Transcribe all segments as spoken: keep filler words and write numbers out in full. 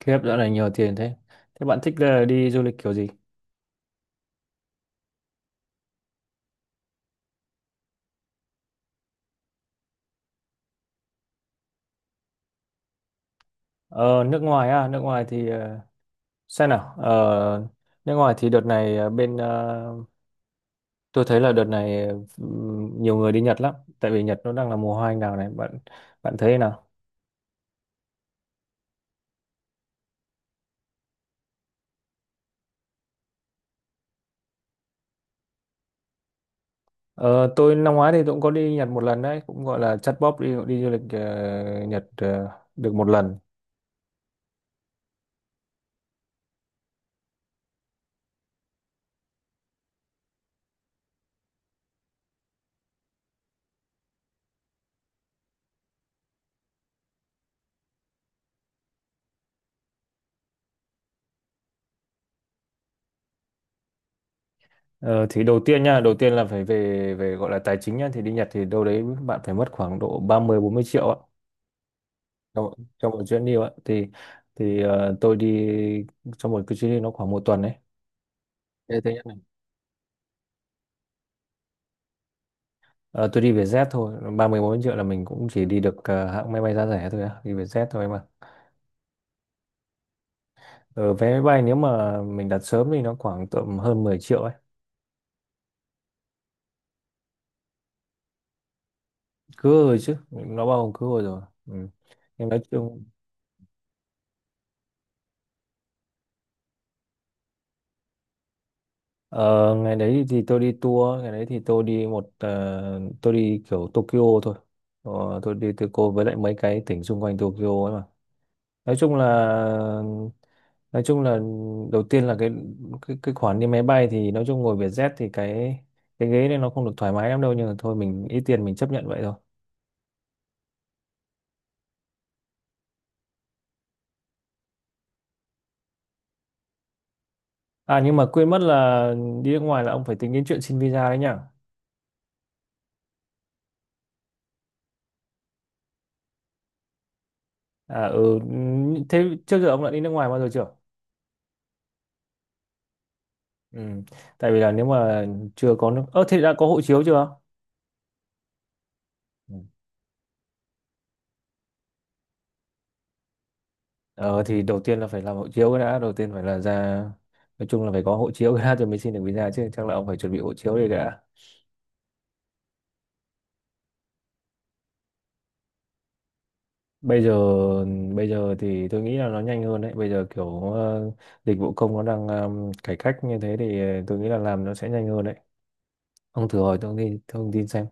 khiếp, dạo này nhiều tiền thế. Thế bạn thích là đi du lịch kiểu gì? Ờ, nước ngoài à? Nước ngoài thì ờ, xem nào. Ờ, nước ngoài thì đợt này ờ, bên ờ, tôi thấy là đợt này ừm, nhiều người đi Nhật lắm, tại vì Nhật nó đang là mùa hoa anh đào này. Bạn bạn thấy thế nào? Ờ, tôi năm ngoái thì tôi cũng có đi Nhật một lần đấy, cũng gọi là chắt bóp đi đi du lịch ờ, Nhật ờ, được một lần. Ờ, thì đầu tiên nha, đầu tiên là phải về về gọi là tài chính nhá, thì đi Nhật thì đâu đấy bạn phải mất khoảng độ ba mươi bốn mươi triệu ạ. Trong trong một chuyến đi ạ thì thì ờ, tôi đi trong một cái chuyến đi nó khoảng một tuần đấy. Thế thứ nhất này. Ờ, tôi đi Vietjet thôi. ba mươi bốn mươi triệu là mình cũng chỉ đi được ờ, hãng máy bay giá rẻ thôi á, đi Vietjet thôi mà. Ờ, vé máy bay nếu mà mình đặt sớm thì nó khoảng tầm hơn mười triệu ấy. Cứ rồi chứ, nó bao gồm cứ rồi rồi ừ. Nhưng nói chung ờ, ngày đấy thì tôi đi tour, ngày đấy thì tôi đi một ờ, tôi đi kiểu Tokyo thôi. Ờ, tôi đi Tokyo với lại mấy cái tỉnh xung quanh Tokyo ấy. Nói chung là nói chung là đầu tiên là cái cái cái khoản đi máy bay thì nói chung ngồi Vietjet thì cái cái ghế này nó không được thoải mái lắm đâu, nhưng mà thôi mình ít tiền mình chấp nhận vậy thôi. À, nhưng mà quên mất là đi nước ngoài là ông phải tính đến chuyện xin visa đấy nhá. À ừ, thế trước giờ ông đã đi nước ngoài bao giờ chưa? Ừ, tại vì là nếu mà chưa có nước ơ thế đã có hộ chiếu chưa? Ừ. ờ thì đầu tiên là phải làm hộ chiếu cái đã, đầu tiên phải là ra, nói chung là phải có hộ chiếu cái đã rồi mới xin được visa chứ, chắc là ông phải chuẩn bị hộ chiếu đi cả. Bây giờ bây giờ thì tôi nghĩ là nó nhanh hơn đấy, bây giờ kiểu ờ, dịch vụ công nó đang ờ, cải cách như thế thì ờ, tôi nghĩ là làm nó sẽ nhanh hơn đấy. Ông thử hỏi thông tin thông tin xem.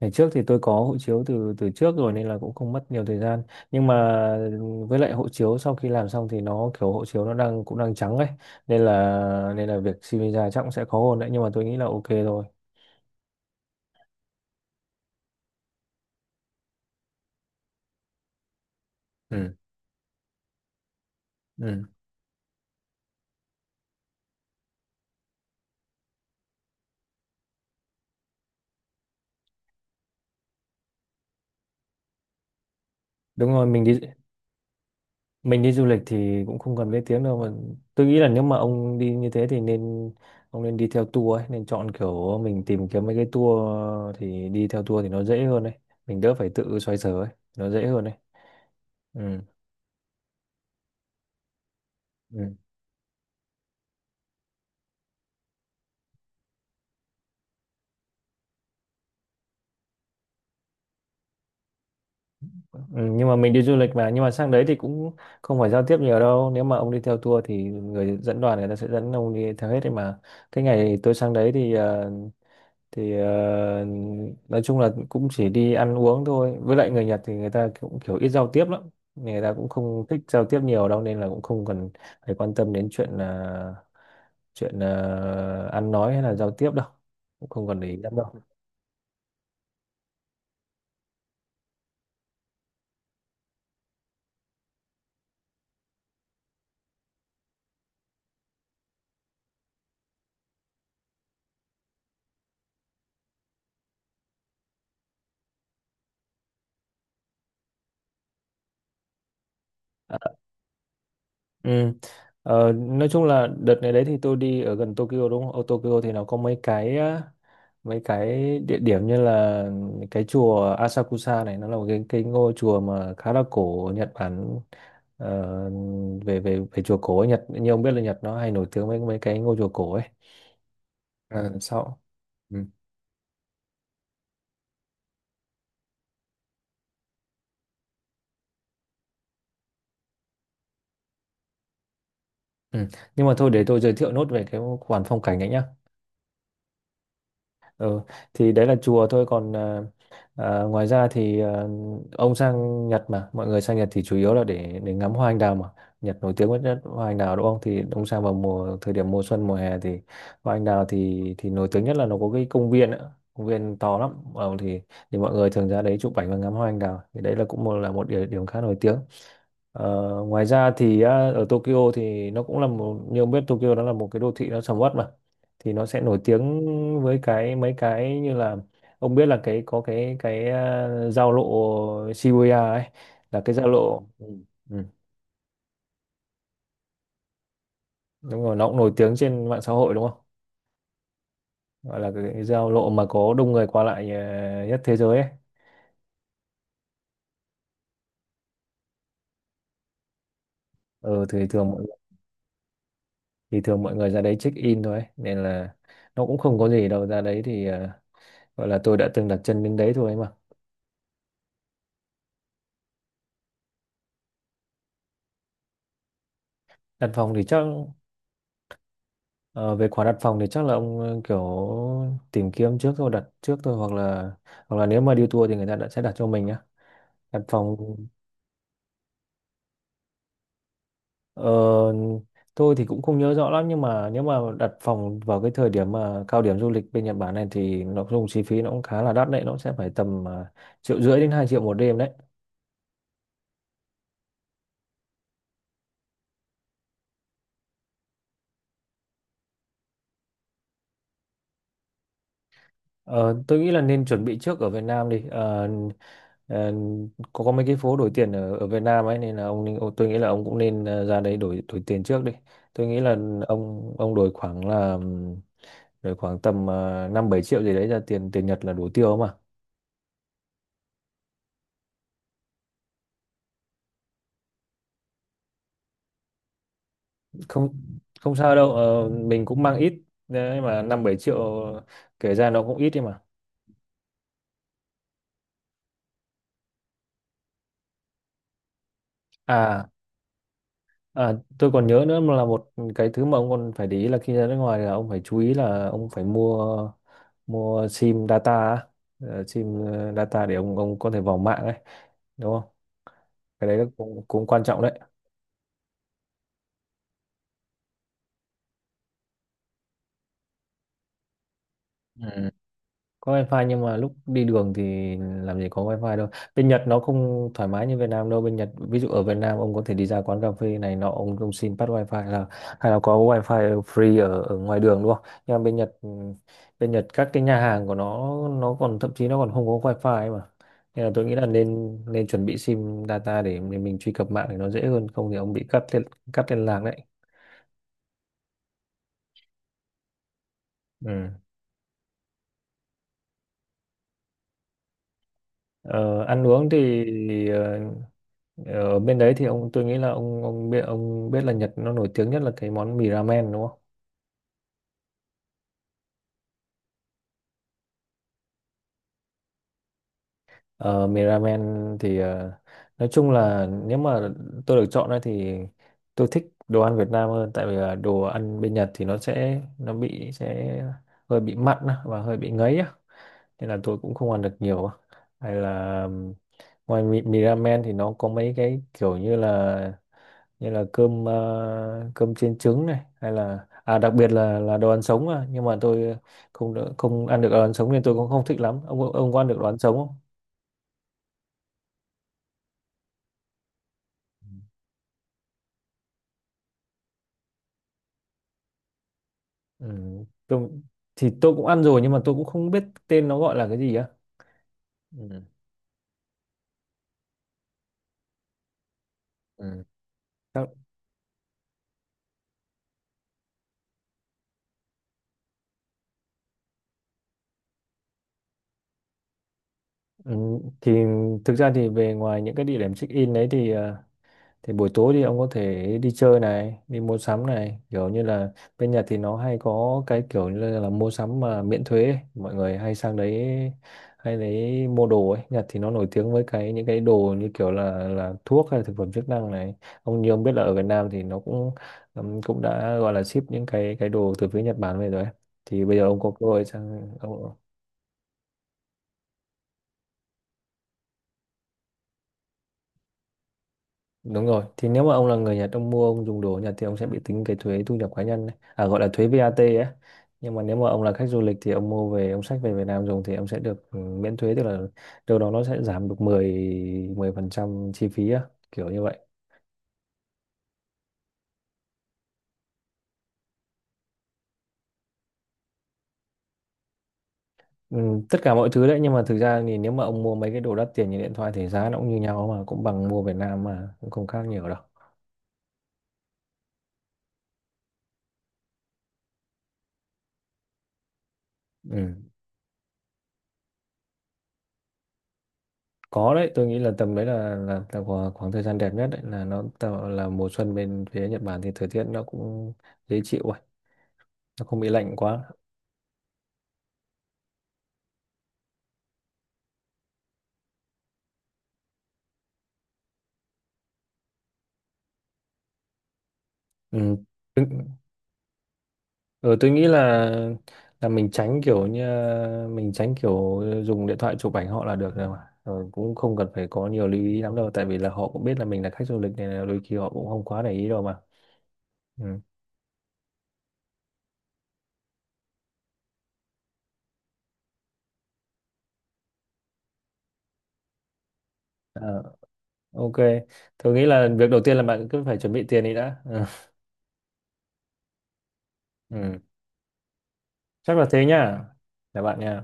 Ngày trước thì tôi có hộ chiếu từ từ trước rồi nên là cũng không mất nhiều thời gian, nhưng mà với lại hộ chiếu sau khi làm xong thì nó kiểu hộ chiếu nó đang cũng đang trắng ấy, nên là nên là việc xin visa chắc cũng sẽ khó hơn đấy, nhưng mà tôi nghĩ là ok thôi. Ừ. Ừ, đúng rồi. Mình đi mình đi du lịch thì cũng không cần biết tiếng đâu mà. Tôi nghĩ là nếu mà ông đi như thế thì nên ông nên đi theo tour ấy, nên chọn kiểu mình tìm kiếm mấy cái tour thì đi theo tour thì nó dễ hơn đấy, mình đỡ phải tự xoay sở ấy, nó dễ hơn đấy. Ừ. Ừ. Ừ, nhưng mà mình đi du lịch mà, nhưng mà sang đấy thì cũng không phải giao tiếp nhiều đâu, nếu mà ông đi theo tour thì người dẫn đoàn người ta sẽ dẫn ông đi theo hết đấy mà. Cái ngày tôi sang đấy thì ờ, thì ờ, nói chung là cũng chỉ đi ăn uống thôi, với lại người Nhật thì người ta cũng kiểu ít giao tiếp lắm, người ta cũng không thích giao tiếp nhiều đâu nên là cũng không cần phải quan tâm đến chuyện là chuyện ờ, ăn nói hay là giao tiếp đâu, cũng không cần để ý lắm đâu. À. Ừ. Ờ, nói chung là đợt này đấy thì tôi đi ở gần Tokyo đúng không? Ở Tokyo thì nó có mấy cái á, mấy cái địa điểm như là cái chùa Asakusa này, nó là một cái cái ngôi chùa mà khá là cổ ở Nhật Bản. Ờ, về về về chùa cổ ở Nhật, như ông biết là Nhật nó hay nổi tiếng với mấy cái ngôi chùa cổ ấy. Ờ, sau. Ừ. Ừ. Nhưng mà thôi, để tôi giới thiệu nốt về cái khoản phong cảnh ấy nhá. Ừ, thì đấy là chùa thôi, còn à, à, ngoài ra thì à, ông sang Nhật, mà mọi người sang Nhật thì chủ yếu là để để ngắm hoa anh đào mà, Nhật nổi tiếng với nhất hoa anh đào đúng không, thì ông sang vào mùa thời điểm mùa xuân mùa hè thì hoa anh đào thì thì nổi tiếng nhất là nó có cái công viên nữa, công viên to lắm ờ, thì thì mọi người thường ra đấy chụp ảnh và ngắm hoa anh đào, thì đấy là cũng một là một địa điểm khá nổi tiếng. Ờ, ngoài ra thì á, ở Tokyo thì nó cũng là một, như ông biết Tokyo nó là một cái đô thị nó sầm uất mà, thì nó sẽ nổi tiếng với cái mấy cái như là ông biết là cái có cái cái à, giao lộ Shibuya ấy, là cái giao lộ ừ. Ừ. Đúng rồi, nó cũng nổi tiếng trên mạng xã hội đúng không, gọi là cái giao lộ mà có đông người qua lại à, nhất thế giới ấy. ừ, thì thường mọi thì thường mọi người ra đấy check in thôi ấy, nên là nó cũng không có gì đâu, ra đấy thì à, gọi là tôi đã từng đặt chân đến đấy thôi. Đặt phòng thì chắc ờ, Về khoản đặt phòng thì chắc là ông ờ, kiểu tìm kiếm trước thôi, đặt trước thôi, hoặc là hoặc là nếu mà đi tour thì người ta đã sẽ đặt cho mình á, đặt phòng. ờ, tôi thì cũng không nhớ rõ lắm, nhưng mà nếu mà đặt phòng vào cái thời điểm mà cao điểm du lịch bên Nhật Bản này thì nó dùng chi phí nó cũng khá là đắt đấy, nó sẽ phải tầm ờ, triệu rưỡi đến hai triệu một đêm đấy. Ờ, tôi nghĩ là nên chuẩn bị trước ở Việt Nam đi. Ờ, Ờ, có có mấy cái phố đổi tiền ở ở Việt Nam ấy, nên là ông, nên- ông tôi nghĩ là ông cũng nên ờ, ra đấy đổi đổi tiền trước đi. Tôi nghĩ là ông ông đổi khoảng là ừm, đổi khoảng tầm uh, năm bảy triệu gì đấy ra tiền tiền Nhật là đủ tiêu mà. Không, không sao đâu, ờ, mình cũng mang ít đấy mà, năm bảy triệu kể ra nó cũng ít đi mà. À. À, tôi còn nhớ nữa mà, là một cái thứ mà ông còn phải để ý là khi ra nước ngoài là ông phải chú ý là ông phải mua mua sim data á. Ờ, sim ờ, data để ông ông có thể vào mạng ấy đúng không, cái đấy nó cũng cũng quan trọng. Đấy, có wifi nhưng mà lúc đi đường thì làm gì có wifi đâu. Bên Nhật nó không thoải mái như Việt Nam đâu, bên Nhật ví dụ ở Việt Nam ông có thể đi ra quán cà phê này nọ, ông ông xin bắt wifi, là hay là có wifi free ở ở ngoài đường đúng không, nhưng mà bên Nhật ừ, bên Nhật các cái nhà hàng của nó nó còn thậm chí nó còn không có wifi ấy mà. Nên là tôi nghĩ là nên nên chuẩn bị sim data để mình, mình truy cập mạng thì nó dễ hơn, không thì ông bị cắt liên, cắt liên lạc đấy. Ừ. Ờ, ăn uống thì ờ, ở bên đấy thì ông tôi nghĩ là ông ông biết ông biết là Nhật nó nổi tiếng nhất là cái món mì ramen đúng không? Ờ, mì ramen thì ờ, nói chung là nếu mà tôi được chọn ấy thì tôi thích đồ ăn Việt Nam hơn, tại vì là đồ ăn bên Nhật thì nó sẽ nó bị sẽ hơi bị mặn á, và hơi bị ngấy á, nên là tôi cũng không ăn được nhiều á. Hay là ừm, ngoài mì, mì ramen thì nó có mấy cái kiểu như là như là cơm ờ, cơm chiên trứng này, hay là à đặc biệt là là đồ ăn sống à, nhưng mà tôi không đỡ- không ăn được đồ ăn sống nên tôi cũng không thích lắm. Ông ông có ăn được đồ ăn sống không? Ừ. tôi, thì tôi cũng ăn rồi nhưng mà tôi cũng không biết tên nó gọi là cái gì á. Ừ. Ừ. Chắc. Ừ. Thì thực ra thì về ngoài những cái địa điểm check in đấy thì ờ, thì buổi tối thì ông có thể đi chơi này, đi mua sắm này, kiểu như là bên Nhật thì nó hay có cái kiểu như là, là mua sắm mà miễn thuế ấy, mọi người hay sang đấy hay đấy mua đồ ấy. Nhật thì nó nổi tiếng với cái những cái đồ như kiểu là là thuốc hay là thực phẩm chức năng này. Ông như ông biết là ở Việt Nam thì nó cũng ừm, cũng đã gọi là ship những cái cái đồ từ phía Nhật Bản về rồi ấy, thì bây giờ ông có cơ hội sang ông. Đúng rồi, thì nếu mà ông là người Nhật, ông mua, ông dùng đồ ở Nhật thì ông sẽ bị tính cái thuế thu nhập cá nhân đấy, à, gọi là thuế vát ấy. Nhưng mà nếu mà ông là khách du lịch thì ông mua về, ông xách về Việt Nam dùng thì ông sẽ được ừ, miễn thuế, tức là đâu đó nó sẽ giảm được mười mười phần trăm chi phí á, kiểu như vậy. Ừ, tất cả mọi thứ đấy, nhưng mà thực ra thì nếu mà ông mua mấy cái đồ đắt tiền như điện thoại thì giá nó cũng như nhau mà, cũng bằng mua Việt Nam mà, cũng không khác nhiều đâu. Ừ. Có đấy, tôi nghĩ là tầm đấy là là, là khoảng, khoảng thời gian đẹp nhất đấy, là nó tạo là mùa xuân bên phía Nhật Bản thì thời tiết nó cũng dễ chịu rồi, nó không bị lạnh quá. Ừ. Tôi, ừ, tôi nghĩ là là mình tránh kiểu như mình tránh kiểu dùng điện thoại chụp ảnh họ là được rồi mà, rồi cũng không cần phải có nhiều lưu ý lắm đâu, tại vì là họ cũng biết là mình là khách du lịch này, là đôi khi họ cũng không quá để ý đâu mà. Ừ. Ờ, ok, tôi nghĩ là việc đầu tiên là bạn cứ phải chuẩn bị tiền đi đã, ừ. Ừ. Chắc là thế nhá, chào bạn nha.